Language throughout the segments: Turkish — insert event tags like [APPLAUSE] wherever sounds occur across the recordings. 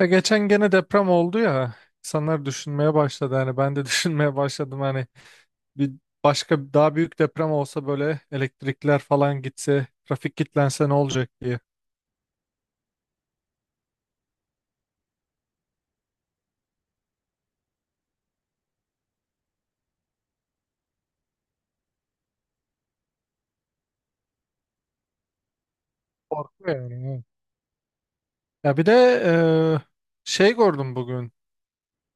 Ya geçen gene deprem oldu ya insanlar düşünmeye başladı hani ben de [LAUGHS] düşünmeye başladım hani bir başka daha büyük deprem olsa böyle elektrikler falan gitse trafik kilitlense ne olacak diye. Korkuyor yani. Evet. Ya bir de e, şey gördüm bugün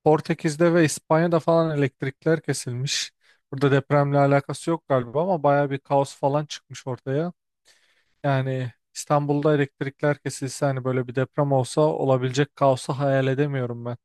Portekiz'de ve İspanya'da falan elektrikler kesilmiş. Burada depremle alakası yok galiba ama baya bir kaos falan çıkmış ortaya. Yani İstanbul'da elektrikler kesilse hani böyle bir deprem olsa olabilecek kaosu hayal edemiyorum ben.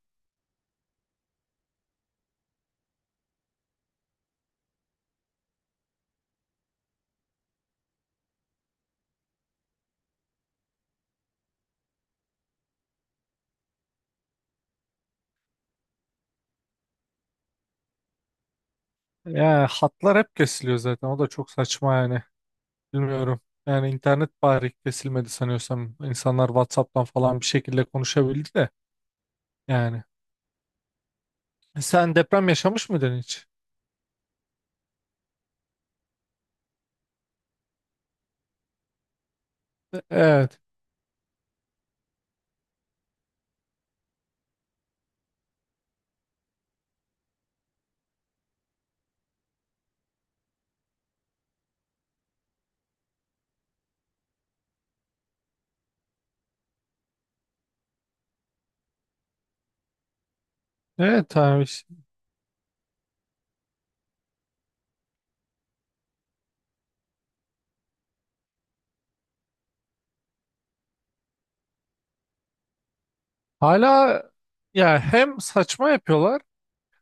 Ya hatlar hep kesiliyor zaten. O da çok saçma yani. Bilmiyorum. Yani internet bari kesilmedi sanıyorsam. İnsanlar WhatsApp'tan falan bir şekilde konuşabildi de. Yani. Sen deprem yaşamış mıydın hiç? Evet. Evet abi. İşte. Hala ya hem saçma yapıyorlar.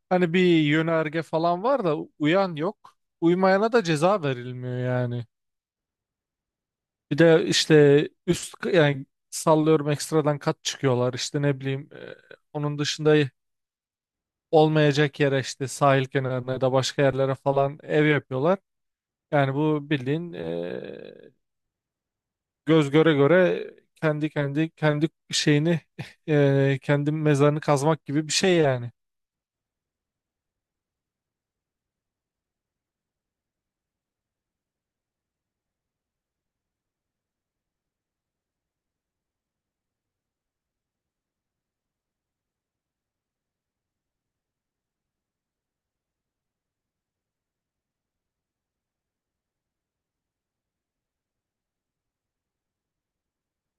Hani bir yönerge falan var da uyan yok. Uymayana da ceza verilmiyor yani. Bir de işte üst yani sallıyorum ekstradan kat çıkıyorlar. İşte ne bileyim onun dışında olmayacak yere işte sahil kenarına ya da başka yerlere falan ev yapıyorlar. Yani bu bildiğin göz göre göre kendi şeyini [LAUGHS] kendi mezarını kazmak gibi bir şey yani.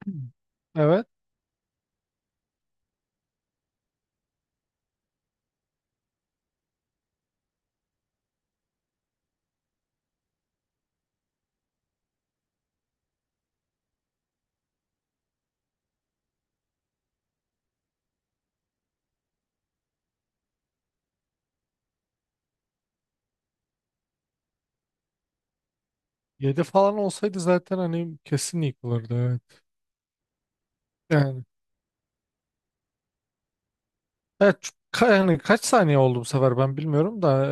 Hmm. Evet. 7 falan olsaydı zaten hani kesin yıkılırdı. Evet. Yani, evet, yani kaç saniye oldu bu sefer ben bilmiyorum da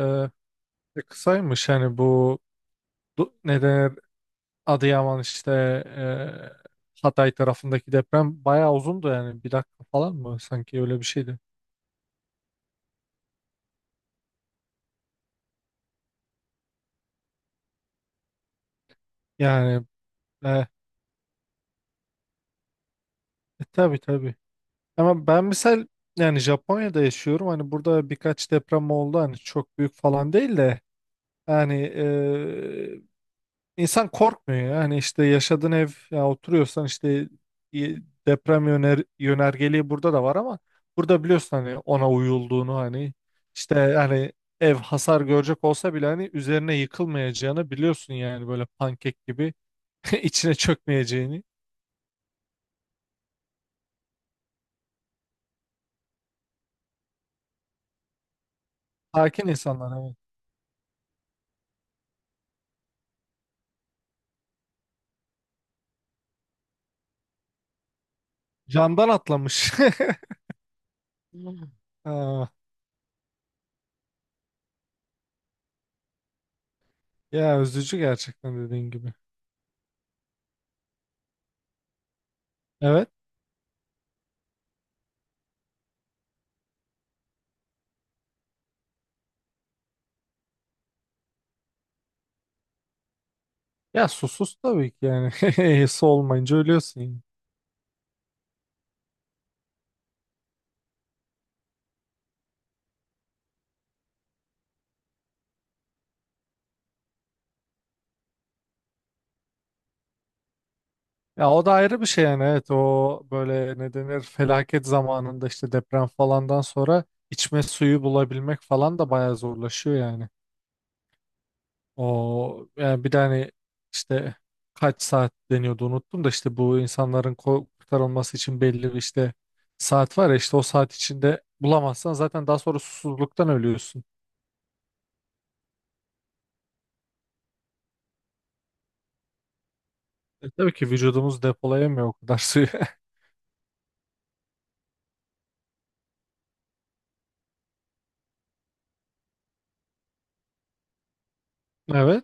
kısaymış yani bu neden Adıyaman işte Hatay tarafındaki deprem bayağı uzundu yani bir dakika falan mı sanki öyle bir şeydi. Yani e, tabii tabii. Ama ben misal yani Japonya'da yaşıyorum hani burada birkaç deprem oldu hani çok büyük falan değil de yani İnsan korkmuyor ya. Hani işte yaşadığın ev ya oturuyorsan işte y- deprem yönergeliği burada da var ama burada biliyorsun hani ona uyulduğunu hani işte hani ev hasar görecek olsa bile hani üzerine yıkılmayacağını biliyorsun yani böyle pankek gibi [LAUGHS] içine çökmeyeceğini. Sakin insanlar evet. Camdan atlamış. [LAUGHS] Hmm. Aa, ya üzücü gerçekten dediğin gibi. Evet. Ya susuz tabii ki yani. [LAUGHS] Su olmayınca ölüyorsun. Ya o da ayrı bir şey yani evet o böyle ne denir felaket zamanında işte deprem falandan sonra içme suyu bulabilmek falan da bayağı zorlaşıyor yani. O yani bir de hani işte kaç saat deniyordu unuttum da işte bu insanların kurtarılması için belli bir işte saat var ya işte o saat içinde bulamazsan zaten daha sonra susuzluktan ölüyorsun. Tabii ki vücudumuz depolayamıyor o kadar suyu. [LAUGHS] Evet.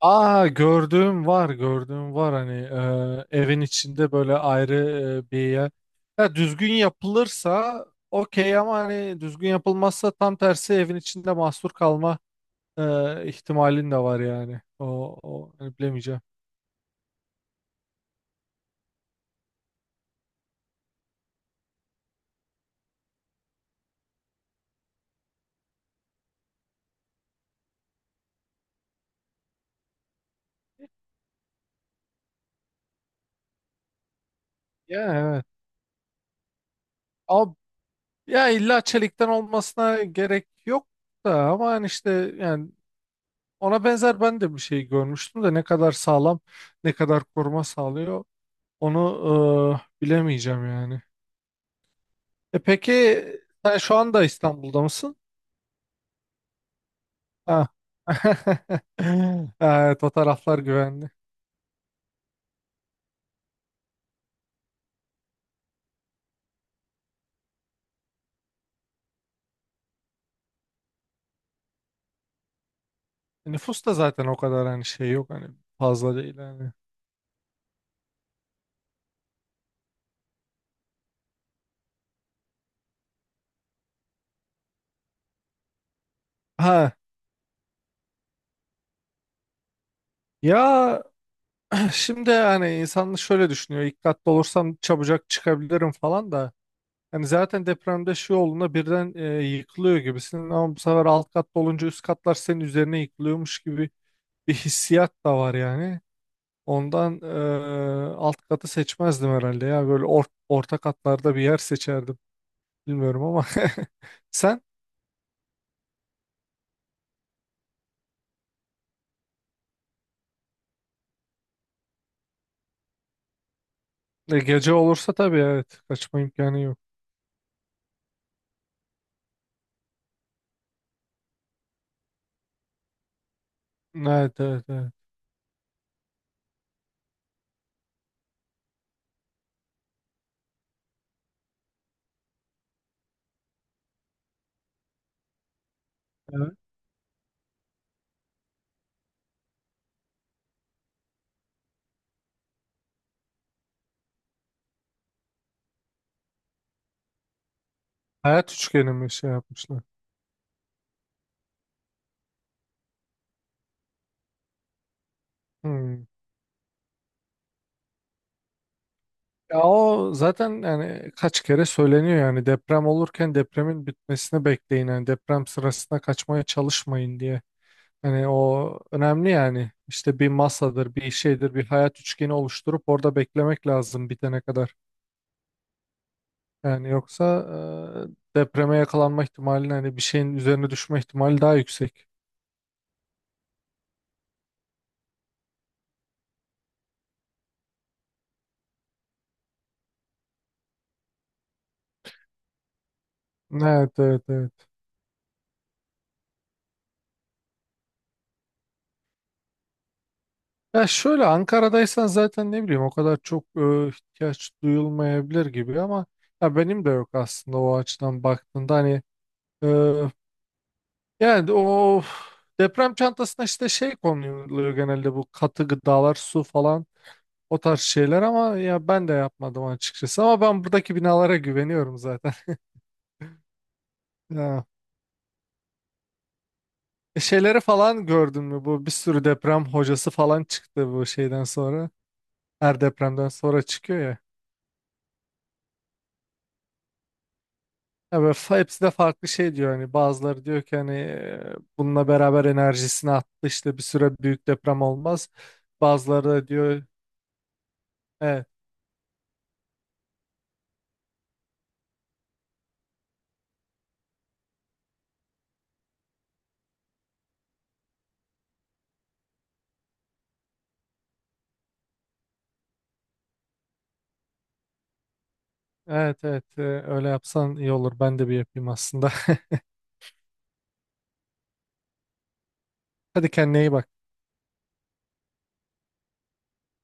Aa gördüğüm var gördüğüm var hani evin içinde böyle ayrı bir yer. Ya düzgün yapılırsa okey ama hani düzgün yapılmazsa tam tersi evin içinde mahsur kalma ihtimalin de var yani. O hani bilemeyeceğim. Ya evet. Ama ya illa çelikten olmasına gerek yok da ama hani işte yani ona benzer ben de bir şey görmüştüm de ne kadar sağlam ne kadar koruma sağlıyor onu bilemeyeceğim yani. Peki sen şu anda İstanbul'da mısın? Ha. [LAUGHS] Evet o taraflar güvenli. Nüfus da zaten o kadar hani şey yok hani fazla değil hani. Ha ya [CLEARS THROAT] şimdi hani insan şöyle düşünüyor dikkatli olursam çabucak çıkabilirim falan da. Hani zaten depremde şey olduğunda birden yıkılıyor gibisin ama bu sefer alt katta olunca üst katlar senin üzerine yıkılıyormuş gibi bir hissiyat da var yani. Ondan alt katı seçmezdim herhalde ya. Böyle orta katlarda bir yer seçerdim. Bilmiyorum ama [LAUGHS] sen gece olursa tabii evet kaçma imkanı yok. Evet evet evet. Evet. Hayat üçgeni mi şey yapmışlar? Hmm. Ya o zaten yani kaç kere söyleniyor yani deprem olurken depremin bitmesini bekleyin yani deprem sırasında kaçmaya çalışmayın diye. Hani o önemli yani işte bir masadır bir şeydir bir hayat üçgeni oluşturup orada beklemek lazım bitene kadar. Yani yoksa depreme yakalanma ihtimali hani bir şeyin üzerine düşme ihtimali daha yüksek. Evet evet evet. Ya şöyle Ankara'daysan zaten ne bileyim o kadar çok ihtiyaç duyulmayabilir gibi ama ya benim de yok aslında o açıdan baktığında hani e, yani o deprem çantasına işte şey konuluyor genelde bu katı gıdalar su falan o tarz şeyler ama ya ben de yapmadım açıkçası ama ben buradaki binalara güveniyorum zaten. [LAUGHS] Şeyleri falan gördün mü? Bu bir sürü deprem hocası falan çıktı bu şeyden sonra. Her depremden sonra çıkıyor ya. Ya böyle hepsi de farklı şey diyor hani bazıları diyor ki hani bununla beraber enerjisini attı işte bir süre büyük deprem olmaz. Bazıları da diyor evet evet evet öyle yapsan iyi olur ben de bir yapayım aslında. [LAUGHS] Hadi kendine iyi bak.